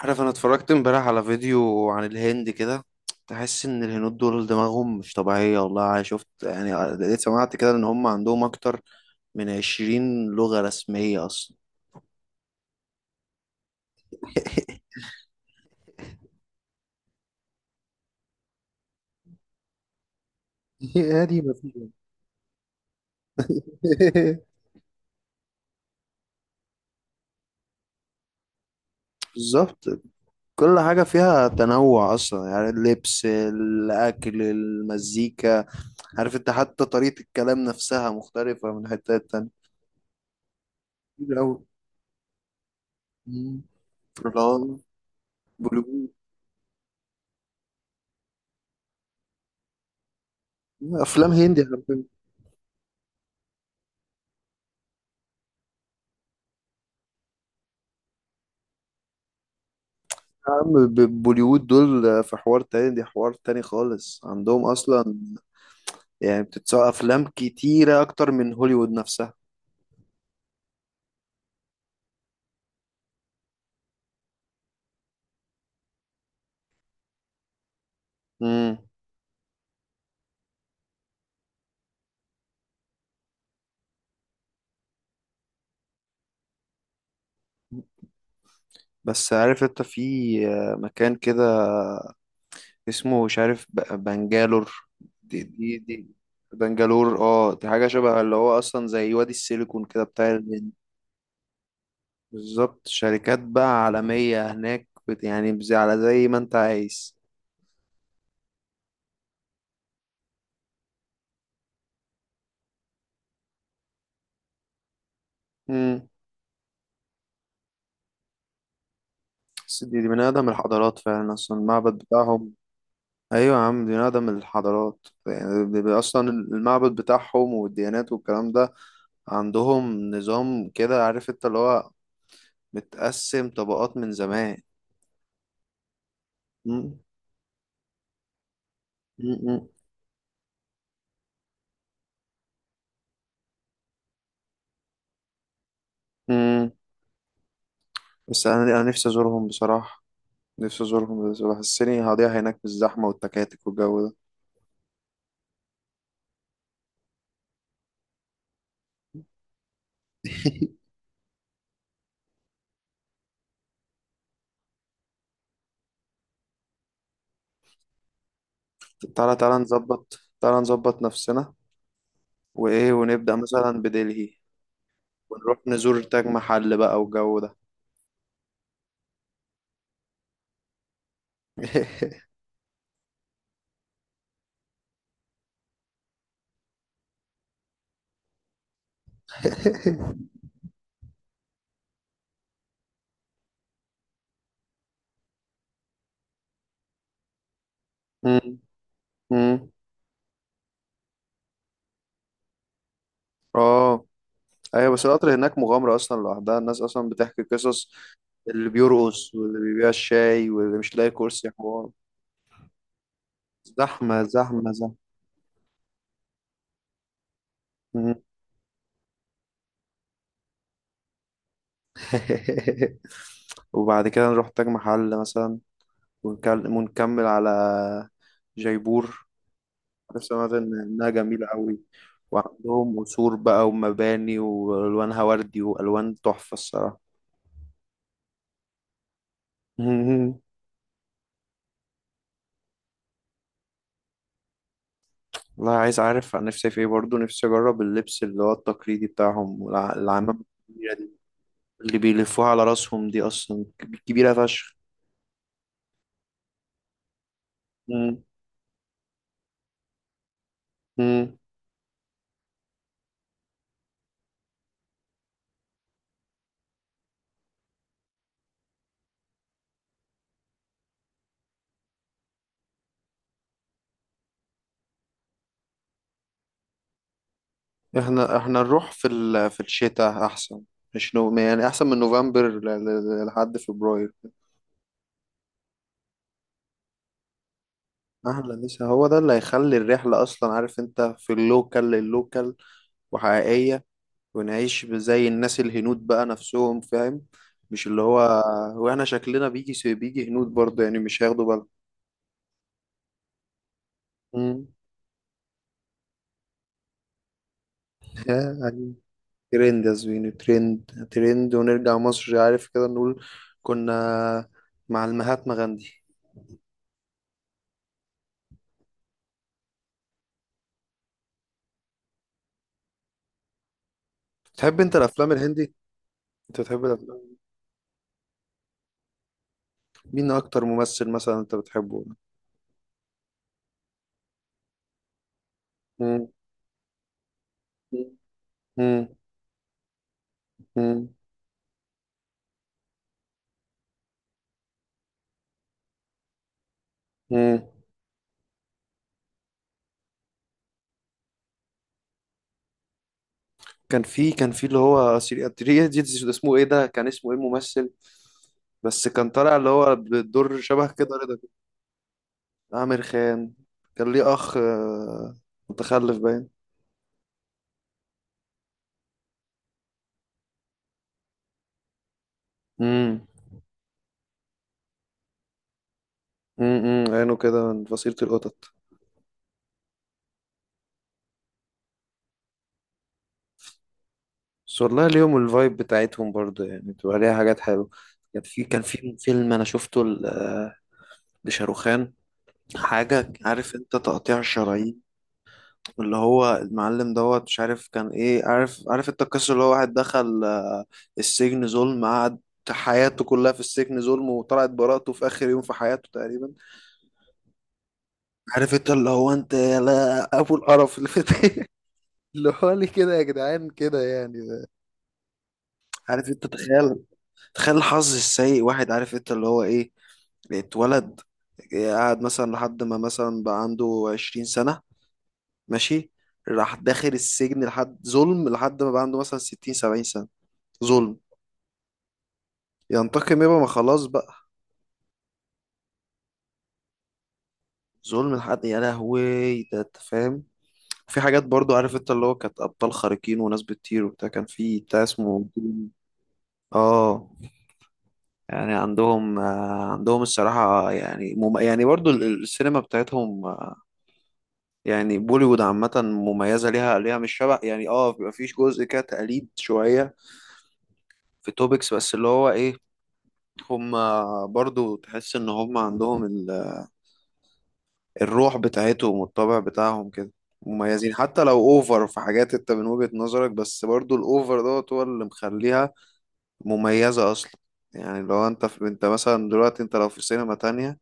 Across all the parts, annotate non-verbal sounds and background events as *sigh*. عارف انا اتفرجت امبارح على فيديو عن الهند كده. تحس ان الهنود دول دماغهم مش طبيعية والله. أنا شفت يعني لقيت سمعت كده ان هم عندهم اكتر من 20 لغة رسمية اصلا. *laughs* هادي ما فيها. *laughs* بالظبط. كل حاجة فيها تنوع اصلا، يعني اللبس الاكل المزيكا. عارف انت، حتى طريقة الكلام نفسها مختلفة من حتة تانية. كتير أوي. مم. فاللي هو بوليوود، افلام هندي. يا عم بوليوود دول، في حوار تاني، دي حوار تاني خالص عندهم أصلا. يعني بتتسوق أفلام كتيرة أكتر من هوليوود نفسها. مم. بس عارف أنت، في مكان كده اسمه مش عارف، بنجالور. دي بنجالور، اه، دي حاجة شبه اللي هو أصلا زي وادي السيليكون كده بتاع الهند. بالظبط، شركات بقى عالمية هناك، على زي ما أنت عايز. مم. بس دي من أقدم الحضارات فعلا، أصلا المعبد بتاعهم. ايوه يا عم، دي نقدم الحضارات، يعني بيبقى اصلا المعبد بتاعهم والديانات والكلام ده. عندهم نظام كده، عارف انت اللي هو متقسم طبقات من زمان. مم. مم. مم. بس انا نفسي ازورهم بصراحه. نفسي ازورهم، بس بحسني هضيع هناك بالزحمه والتكاتك والجو ده. *laughs* تعالى تعالى نظبط، تعالى نظبط نفسنا. وايه، ونبدا مثلا بدلهي. ونروح نزور تاج محل بقى والجو ده. *laughs* مم. مم. اه ايوه، بس القطر هناك مغامرة اصلا لوحدها، الناس اصلا بتحكي قصص. اللي بيرقص واللي بيبيع الشاي واللي مش لاقي كرسي، حوار. زحمة زحمة زحمة. *laughs* مم. وبعد كده نروح تاج محل مثلا، ونكمل على جيبور. أنا سمعت إنها جميلة أوي. وعندهم قصور بقى ومباني وألوانها وردي وألوان تحفة الصراحة. *laughs* مم. والله عايز أعرف عن نفسي في إيه برضه، نفسي أجرب اللبس اللي هو التقليدي بتاعهم، العمامة الكبيرة اللي بيلفوها على راسهم، دي اصلا كبيرة فشخ. مم. مم. احنا نروح في في الشتاء احسن. مش نو... يعني احسن من نوفمبر لحد فبراير. احلى، لسه هو ده اللي هيخلي الرحلة اصلا، عارف انت، في اللوكال اللوكال وحقيقية. ونعيش زي الناس الهنود بقى نفسهم، فاهم، مش اللي هو. واحنا شكلنا بيجي هنود برضه يعني مش هياخدوا بالهم. مم. *laughs* ترند يا زويني، ترند ترند، ونرجع مصر عارف كده نقول كنا مع المهاتما غاندي. بتحب انت الافلام الهندي؟ انت بتحب الافلام؟ مين اكتر ممثل مثلا انت بتحبه؟ مم. مم. مم. مم. كان في اللي هو سيري، ده اسمه ايه، ده كان اسمه ايه الممثل. بس كان طالع اللي هو بالدور شبه كده رضا كده. عامر خان كان ليه اخ متخلف باين. امم. عينه كده من فصيلة القطط. بس والله اليوم الفايب بتاعتهم برضه يعني بتبقى ليها حاجات حلوة. كان في فيلم أنا شفته لشاروخان، حاجة عارف أنت تقطيع الشرايين. اللي هو المعلم دوت، مش عارف كان إيه، عارف أنت القصة، اللي هو واحد دخل السجن ظلم، قعد حياته كلها في السجن ظلم، وطلعت براءته في آخر يوم في حياته تقريبا. عارف أنت اللي هو أنت يا لا أبو القرف اللي في. *laughs* اللي هو لي كده يا جدعان كده يعني. عارف أنت، تخيل، الحظ السيء، واحد عارف انت اللي هو ايه، اتولد، قاعد مثلا لحد ما مثلا بقى عنده 20 سنة. ماشي. راح داخل السجن لحد ظلم، لحد ما بقى عنده مثلا 60 70 سنة ظلم. ينتقم، يبقى ما خلاص بقى. ظلم لحد، يا لهوي. ده انت فاهم. في حاجات برضو عارف انت اللي هو كانت أبطال خارقين وناس بتطير وبتاع، كان في بتاع اسمه اه. يعني عندهم، عندهم الصراحة، يعني يعني برضو السينما بتاعتهم، يعني بوليوود عامة مميزة، ليها مش شبه يعني، اه بيبقى فيش جزء كده تقليد شوية في توبكس، بس اللي هو ايه. هما برضو تحس ان هما عندهم الروح بتاعتهم والطبع بتاعهم كده مميزين. حتى لو اوفر في حاجات انت من وجهة نظرك، بس برضو الاوفر دوت هو اللي مخليها مميزة اصلا. يعني لو انت في، انت مثلا دلوقتي انت لو في سينما تانية،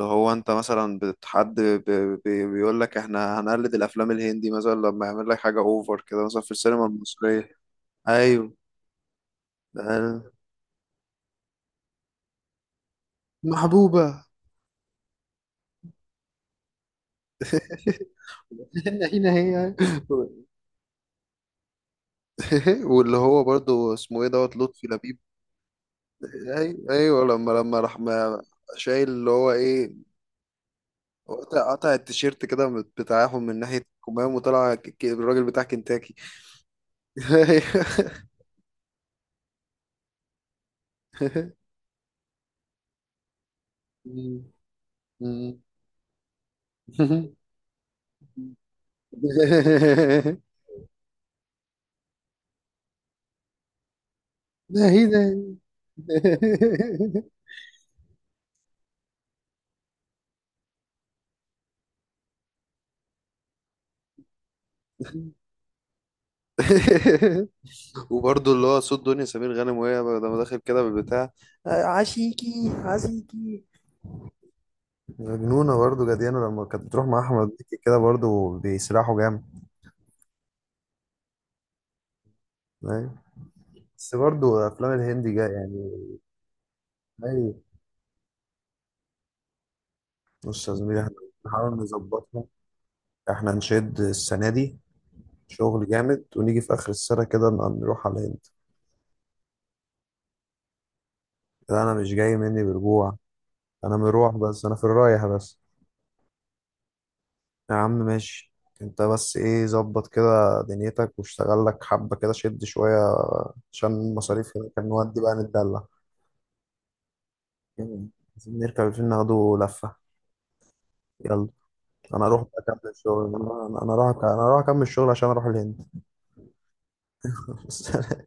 اللي هو انت مثلا بيقول لك احنا هنقلد الافلام الهندي، مثلا لما يعمل لك حاجه اوفر كده مثلا في السينما المصريه. ايوه. آه، محبوبة. *laughs* هنا هي. *laughs* واللي هو برضو اسمه ايه دوت لطفي لبيب. ايوه ايوه، لما راح شايل اللي هو ايه، قطع قطع التيشيرت كده بتاعهم من ناحيه الكمام، وطلع الراجل بتاع كنتاكي. *laughs* *laughs* أيوة. *laughs* ناهي ناهي. *laughs* وبرضه اللي هو صوت دنيا سمير غانم وهي لما داخل كده بالبتاع، عشيكي عشيكي. مجنونة برضه، جديانة لما كانت بتروح مع أحمد مكي كده برضه بيسرحوا جامد. أيوة. بس برضه أفلام الهندي جاية يعني. أي. بص يا زميلي، احنا بنحاول نظبطها. احنا نشد السنة دي شغل جامد ونيجي في آخر السنة كده نروح على الهند. لا أنا مش جاي مني بالجوع. أنا مروح بس، أنا في الرايح بس. يا عم ماشي. انت بس ايه، ظبط كده دنيتك واشتغل لك حبة كده، شد شوية عشان المصاريف هنا كان نودي بقى نتدلع. يلا، عايزين نركب الفيلم ناخده لفة. يلا. انا اروح بقى اكمل الشغل، انا اروح، انا اروح اكمل الشغل عشان اروح الهند. *laughs*